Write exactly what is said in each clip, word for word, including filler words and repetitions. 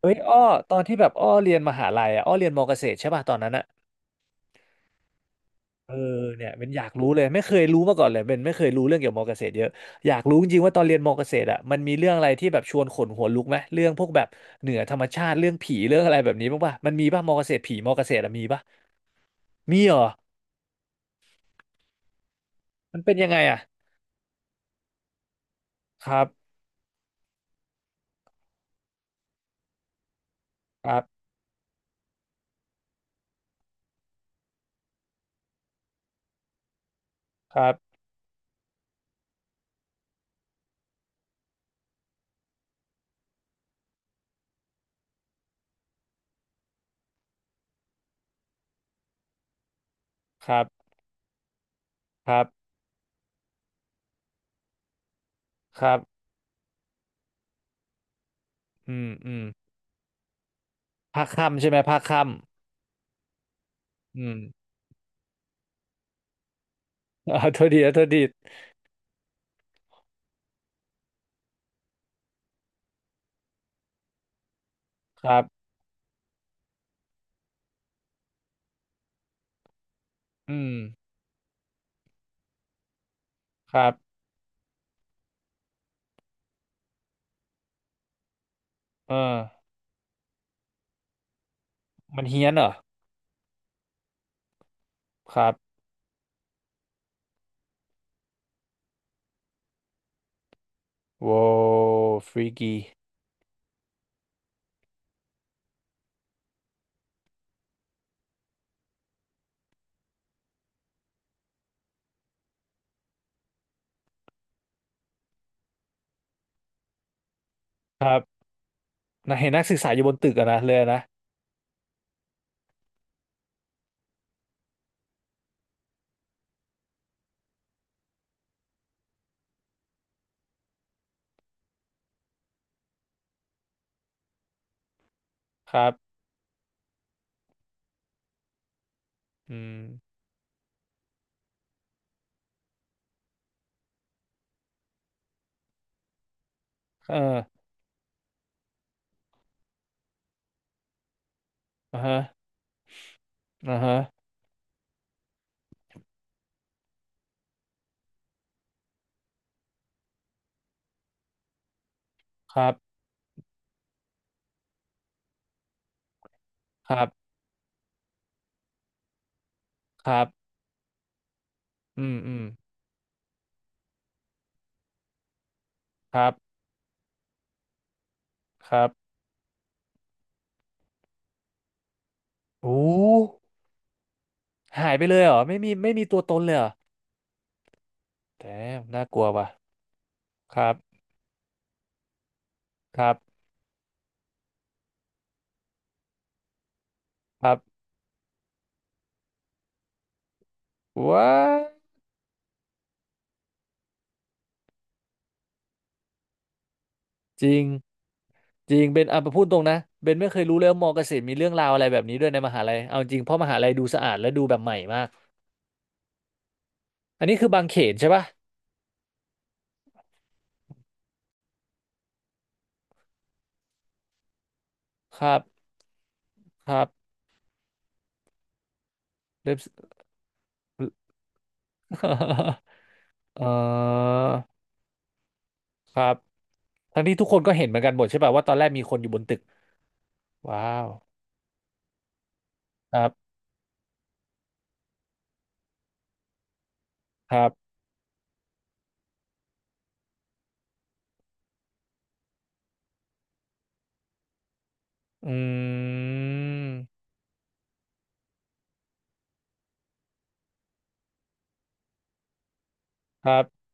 เอ้ยอ้อตอนที่แบบอ้อเรียนมหาลัยอ่ะอ้อเรียนมอเกษตรใช่ป่ะตอนนั้นอ่ะเออเนี่ยเป็นอยากรู้เลยไม่เคยรู้มาก่อนเลยเป็นไม่เคยรู้เรื่องเกี่ยวกับมอเกษตรเยอะอยากรู้จริงๆว่าตอนเรียนมอเกษตรอ่ะมันมีเรื่องอะไรที่แบบชวนขนหัวลุกไหมเรื่องพวกแบบเหนือธรรมชาติเรื่องผีเรื่องอะไรแบบนี้บ้างป่ะมันมีป่ะมอเกษตรผีมอเกษตรอะมีป่ะมีเหรอมันเป็นยังไงอ่ะครับครับครับครับครับครับอืมอืมภาคค่ำใช่ไหมภาคค่ำอืม อ่าโทษดีนะโทษดีครับอืมครับ เออมันเฮี้ยนเหรอครับโว้ฟรีกีนะเห็นนักศึกษาอยู่บนตึกอะนะเลยนะครับอืมเอออ่าฮะอ่าฮะครับครับครับอืมอืมครับครับโอ้หายไปเลยเหรอไม่มีไม่มีตัวตนเลยเหรอแต่น่ากลัวว่ะครับครับครับว้าจริงจริงเป็นอ่ะพูดตรงนะเบนไม่เคยรู้เลยว่ามอเกษตรมีเรื่องราวอะไรแบบนี้ด้วยในมหาลัยเอาจริงเพราะมหาลัยดูสะอาดและดูแบบใหม่มากอันนี้คือบางเขนใช่ปะ ครับครับเล็บ เอ่อครับทั้งที่ทุกคนก็เห็นเหมือนกันหมดใช่ป่ะว่าตอนแรกมีคนอยู่บนตึกว้าวครับครับอืมครับ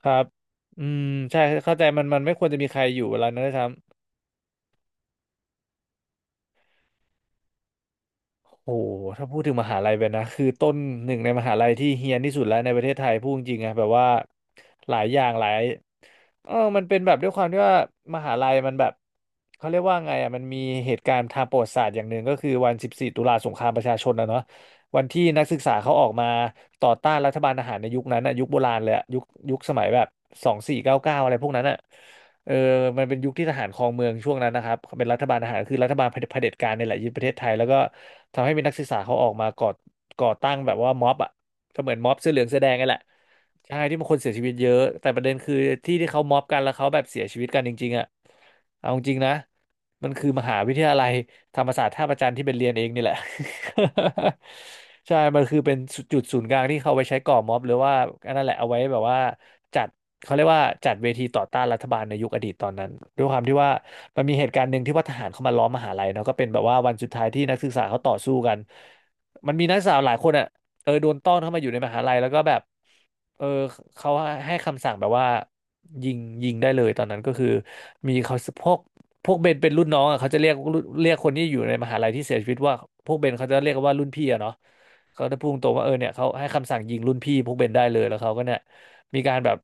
ครับอืมใช่เข้าใจมันมันไม่ควรจะมีใครอยู่เวลานั้นนะครับ โอ้โหถ้าพูดถึงมหาลัยแบบนนะ คือต้นหนึ่งในมหาลัยที่เฮี้ยนที่สุดแล้วในประเทศไทยพูดจริงๆอะแบบว่าหลายอย่างหลายเออมันเป็นแบบด้วยความที่ว่ามหาลัยมันแบบเขาเรียกว่าไงอ่ะมันมีเหตุการณ์ทางประวัติศาสตร์อย่างหนึ่งก็คือวันสิบสี่ตุลาสงครามประชาชนนะเนาะวันที่นักศึกษาเขาออกมาต่อต้านรัฐบาลทหารในยุคนั้นอะยุคโบราณเลยอะยุคยุคสมัยแบบสองสี่เก้าเก้าอะไรพวกนั้นอะ เออมันเป็นยุคที่ทหารครองเมืองช่วงนั้นนะครับเป็นรัฐบาลทหารคือรัฐบาลเผด็จเผด็จการเนี่ยแหละยึดประเทศไทยแล้วก็ทำให้มีนักศึกษาเขาออกมาก่อก่อตั้งแบบว่าม็อบอ่ะก็เหมือนม็อบเสื้อเหลืองเสื้อแดงนี่แหละใช่ที่มันคนเสียชีวิตเยอะแต่ประเด็นคือที่ที่เขาม็อบกันแล้วเขาแบบเสียชีวิตกันจริงๆอ่ะเอาจริงนะ มันคือมหาวิทยาลัยธรรมศาสตร์ท่าพระจันทร์ที่เป็นเรียนเองนี่แหละ ใช่มันคือเป็นจุดศูนย์กลางที่เขาไว้ใช้ก่อม็อบหรือว่าอันนั้นแหละเอาไว้แบบว่าจัดเขาเรียกว่าจัดเวทีต่อต้านรัฐบาลในยุคอดีตตอนนั้นด้วยความที่ว่ามันมีเหตุการณ์หนึ่งที่ว่าทหารเข้ามาล้อมมหาลัยเนาะก็เป็นแบบว่าวันสุดท้ายที่นักศึกษาเขาต่อสู้กันมันมีนักศึกษาหลายคนอ่ะเออโดนต้อนเข้ามาอยู่ในมหาลัยแล้วก็แบบเออเขาให้คำสั่งแบบว่ายิงยิงได้เลยตอนนั้นก็คือมีเขาพวก พวกเบนเป็นรุ่นน้องอ่ะเขาจะเรียกเรียกคนที่อยู่ในมหาลัยที่เสียชีวิตว่าพวกเบนเขาจะเรียกว่ารุ่นพี่อะเนาะเขาจะพูดตรงว่าเออเนี่ยเขาให้คำสั่งยิงรุ่นพี่พวกเบนได้เลยแล้วเขาก็เนี่ยมีการแบบ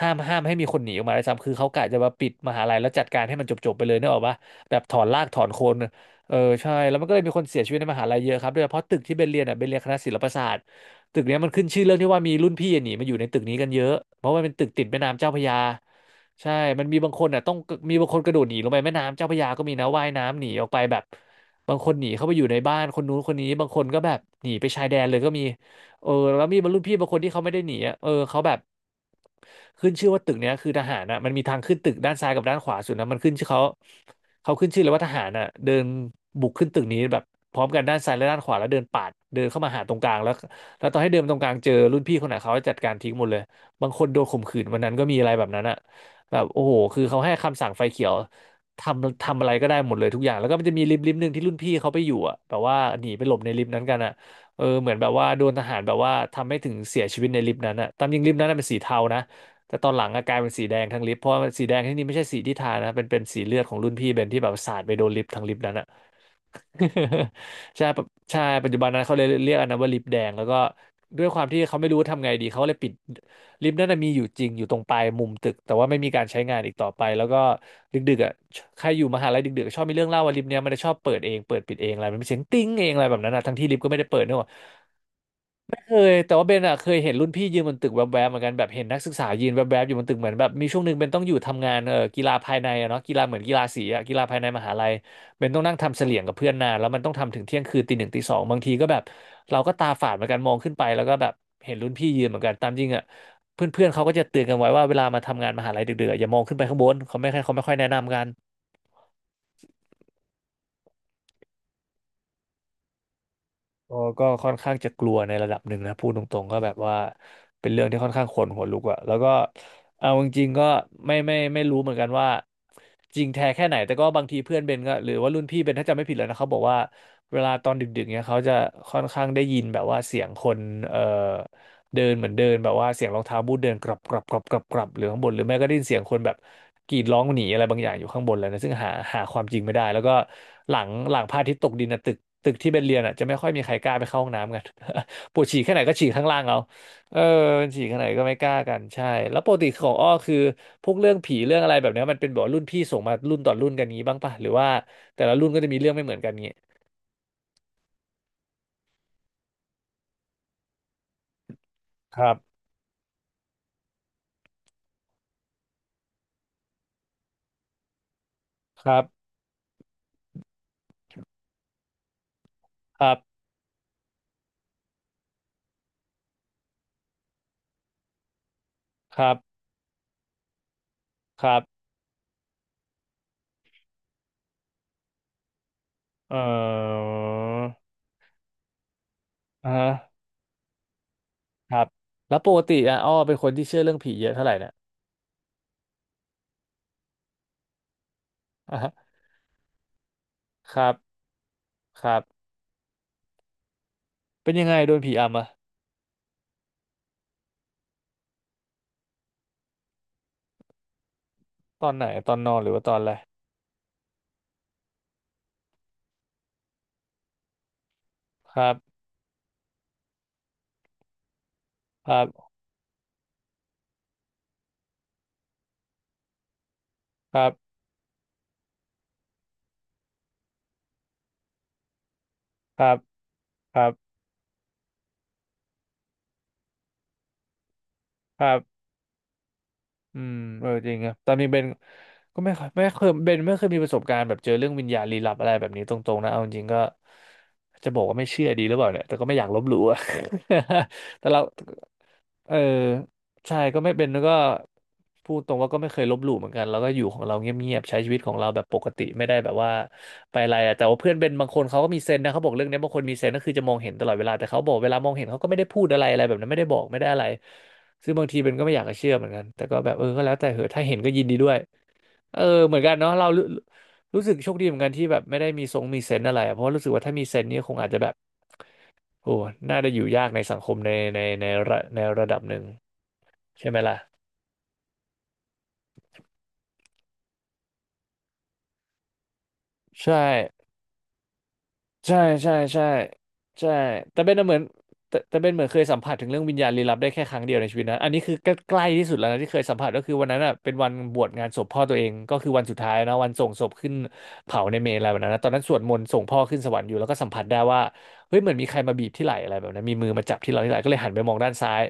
ห้ามห้ามให้มีคนหนีออกมาได้วยซ้ำคือเขากะจะมาปิดมหาลัยแล้วจัดการให้มันจบๆไปเลยนึกออกปะแบบถอนรากถอนโคนเออใช่แล้วมันก็เลยมีคนเสียชีวิตในมหาลัยเยอะครับโดยเฉพาะตึกที่เบนเรียนอ่ะเบนเรียนคณะศิลปศาสตร์ตึกเนี้ยมันขึ้นชื่อเรื่องที่ว่ามีรุ่นพี่หนีมาอยู่ในตึกนี้กันเยอะเพราะว่าเป็นตึกติดแม่น้ำเจ้าพระยา ใช่มันมีบางคนอ่ะต้องมีบางคนกระโดดหนีลงไปแม่น้ำเจ้าพระยาก็มีนะว่ายน้ำหนีออกไปแบบบางคนหนีเข้าไปอยู่ในบ้านคนนู้นคนนี้บางคนก็แบบหนีไปชายแดนเลยก็มีเออแล้วมีบรรลุพี่บางคนที่เขาไม่ได้หนีอะเออเขาแบบขึ้นชื่อว่าตึกเนี้ยคือทหารอ่ะมันมีทางขึ้นตึกด้านซ้ายกับด้านขวาสุดนะมันขึ้นชื่อเขาเขาขึ้นชื่อเลยว่าทหารอ่ะเดินบุกขึ้นตึกนี้แบบพร้อมกันด้านซ้ายและด้านขวาแล้วเดินปาดเดินเข้ามาหาตรงกลางแล้วแล้วตอนให้เดินตรงกลางเจอรุ่นพี่คนไหนเขาจะจัดการทิ้งหมดเลยบางคนโดนข่มขืนวันนั้นก็มีอะไรแบบนั้นอะ แบบโอ้โหคือเขาให้คำสั่งไฟเขียวทำทำอะไรก็ได้หมดเลยทุกอย่างแล้วก็มันจะมีลิฟต์ลิฟต์หนึ่งที่รุ่นพี่เขาไปอยู่อ่ะแบบว่าหนีไปหลบในลิฟต์นั้นกันอ่ะเออเหมือนแบบว่าโดนทหารแบบว่าทำให้ถึงเสียชีวิตในลิฟต์นั้นอ่ะตามจริงลิฟต์นั้นนะเป็นสีเทานะแต่ตอนหลังอะกลายเป็นสีแดงทั้งลิฟต์เพราะว่าสีแดงที่นี่ไม่ใช่สีที่ทานะเป็นเป็นสีเลือดของรุ่นพี่เบนที่แบบสาดไปโดนลิฟต์ทั้งลิฟต์นั้นอะ ใช่ปะใช่ ปัจจุบันนั้นเขาเลยเรียกอันนั้นว่าลิปแดงแล้วก็ด้วยความที่เขาไม่รู้ทำไงดีเขาก็เลยปิดลิฟ์นั่นนะมีอยู่จริงอยู่ตรงปลายมุมตึกแต่ว่าไม่มีการใช้งานอีกต่อไปแล้วก็ดึกๆอ่ะใครอยู่มหาลัยดึกๆชอบมีเรื่องเล่าว่าลิฟ์เนี้ยมันจะชอบเปิดเองเปิดปิดเองอะไรมันเป็นเสียงติ้งเองอะไรแบบนั้นนะทั้งที่ลิฟก็ไม่ได้เปิดเนกอะ เคยแต่ว่าเบนอะเคยเห็นรุ่นพี่ยืนบนตึกแวบๆเหมือนกันแบบเห็นนักศึกษายืนแวบๆอยู่บนตึกเหมือนแบบมีช่วงหนึ่งเบนต้องอยู่ทำงานเออกีฬาภายในอะเนาะกีฬาเหมือนกีฬาสีอะกีฬาภายในมหาลัยเบนต้องนั่งทำเสลี่ยงกับเพื่อนนานแล้วมันต้องทำถึงเที่ยงคืนตีหนึ่งตีสองบางทีก็แบบเราก็ตาฝาดเหมือนกันมองขึ้นไปแล้วก็แบบเห็นรุ่นพี่ยืนเหมือนกันตามจริงอะเพื่อนๆเขาก็จะเตือนกันไว้ว่าเวลามาทำงานมหาลัยดึกๆอะอย่ามองขึ้นไปข้างบนเขาไม่ค่อยเขาไม่ค่อยแนะนำกัน ก็ก็ค่อนข้างจะกลัวในระดับหนึ่งนะพูดตรงๆก็แบบว่าเป็นเรื่องที่ค่อนข้างขนหัวลุกอะแล้วก็เอาจริงๆก็ไม่ไม่ไม่รู้เหมือนกันว่าจริงแท้แค่ไหนแต่ก็บางทีเพื่อนเบนก็หรือว่ารุ่นพี่เบนถ้าจำไม่ผิดเลยนะเขาบอกว่าเวลาตอนดึกๆเนี่ยเขาจะค่อนข้างได้ยินแบบว่าเสียงคนเอ่อเดินเหมือนเดินแบบว่าเสียงรองเท้าบูทเดินกรับกรับกรับกรับกรับหรือข้างบนหรือไม่ก็ได้ยินเสียงคนแบบ กรีดร้องหนีอะไรบางอย่างอยู่ข้างบนเลยนะซึ่งหาหาความจริงไม่ได้แล้วก็หลังหลังพระอาทิตย์ตกดินนะตึกตึกที่เป็นเรียนอ่ะจะไม่ค่อยมีใครกล้าไปเข้าห้องน้ำกัน ปวดฉี่แค่ไหนก็ฉี่ข้างล่างเอาเออฉี่แค่ไหนก็ไม่กล้ากันใช่แล้วปกติของอ้อคือพวกเรื่องผีเรื่องอะไรแบบเนี้ยมันเป็นแบบรุ่นพี่ส่งมารุ่นต่อรุ่นกันงี้บ้างปะหรือว่าแต่ละรุ่นก็จะมีเรื่องไม่เหมือนกันงี้ครับครับครับครับครับเอออ่าฮะครับแล้วปกติอ่ะอ้อเป็นคนที่เชื่อเรื่องผีเยอะเท่าไหร่เนี่ยอ่าฮะครับ ครับเป็นยังไงโดนผีอำอะตอนไหนตอนนอนหรือว่าตอนอะไรครับครับครับครับครับครับอืมเออจริงอะตอนนี้เบนก็ไม่เคยไม่เคยเบนไม่เคยมีประสบการณ์แบบเจอเรื่องวิญญาณลี้ลับอะไรแบบนี้ตรงๆนะเอาจริงๆก็จะบอกว่าไม่เชื่อดีหรือเปล่าเนี่ยแต่ก็ไม่อยากลบหลู่อะ แต่เรา เออใช่ก็ไม่เป็นแล้วก็พูดตรงว่าก็ไม่เคยลบหลู่เหมือนกันแล้วก็อยู่ของเราเงียบๆใช้ชีวิตของเราแบบปกติไม่ได้แบบว่าไปอะไรอะแต่ว่าเพื่อนเป็นบางคนเขาก็มีเซนส์นะเขาบอกเรื่องเนี้ยบางคนมีเซนส์ก็คือจะมองเห็นตลอดเวลาแต่เขาบอกเวลามองเห็นเขาก็ไม่ได้พูดอะไรอะไรแบบนั้นไม่ได้บอกไม่ได้อะไรซึ่งบางทีเป็นก็ไม่อยากจะเชื่อเหมือนกันแต่ก็แบบเออก็แล้วแต่เหอะถ้าเห็นก็ยินดีด้วยเออเหมือนกันเนาะเรารู้รู้สึกโชคดีเหมือนกันที่แบบไม่ได้มีทรงมีเซนส์อะไรอะเพราะว่ารู้สึกว่าถ้ามีเซนส์นี่ยคงอาจจะแบบ โอ้น่าจะอยู่ยากในสังคมในในในระในระดับหนึ่งใช่ไหมล่ะใช่ ใช่ใช่ใช่ใช่แต่เบนน่ะเหมือนแต่แต่เบนเหมือนเคยสัมผัสถึงเรื่องวิญญาณลี้ลับได้แค่ครั้งเดียวในชีวิตนะอันนี้คือใกล้ๆที่สุดแล้วนะที่เคยสัมผัสก็คือวันนั้นอ่ะเป็นวันบวชงานศพพ่อตัวเองก็คือวันสุดท้ายนะวันส่งศพขึ้นเผาในเมรุอะไรแบบนั้นนะตอนนั้นสวดมนต์ส่งพ่อขึ้นสวรรค์อยู่แล้วก็สัมผัสได้ว่าเฮ้ยเหมือนมีใครมาบีบที่ไหล่อะไรแบบนั้นมีมือมาจับที่เราที่ไหล่ก็เลยหันไปมองด้านซ้าย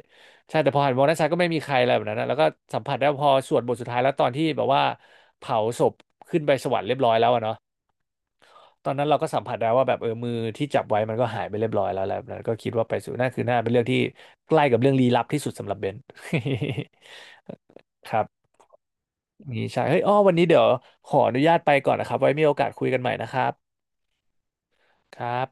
ใช่แต่พอหันมองด้านซ้ายก็ไม่มีใครอะไรแบบนั้นนะแล้วก็สัมผัสได้ว่าพอสวดบทสุดท้ายแล้วตอนที่แบบว่าเผาศพขึ้นไปสวรรค์เรียบร้อยแล้วอะเนาะ ตอนนั้นเราก็สัมผัสได้ว่าแบบเออมือที่จับไว้มันก็หายไปเรียบร้อยแล้วแหละแล้วก็คิดว่าไปสู่หน้าคือหน้าเป็นเรื่องที่ใกล้กับเรื่องลี้ลับที่สุดสำหรับเบน ครับนี่ใช่เฮ้ยอ้อวันนี้เดี๋ยวขออนุญาตไปก่อนนะครับไว้มีโอกาสคุยกันใหม่นะครับครับ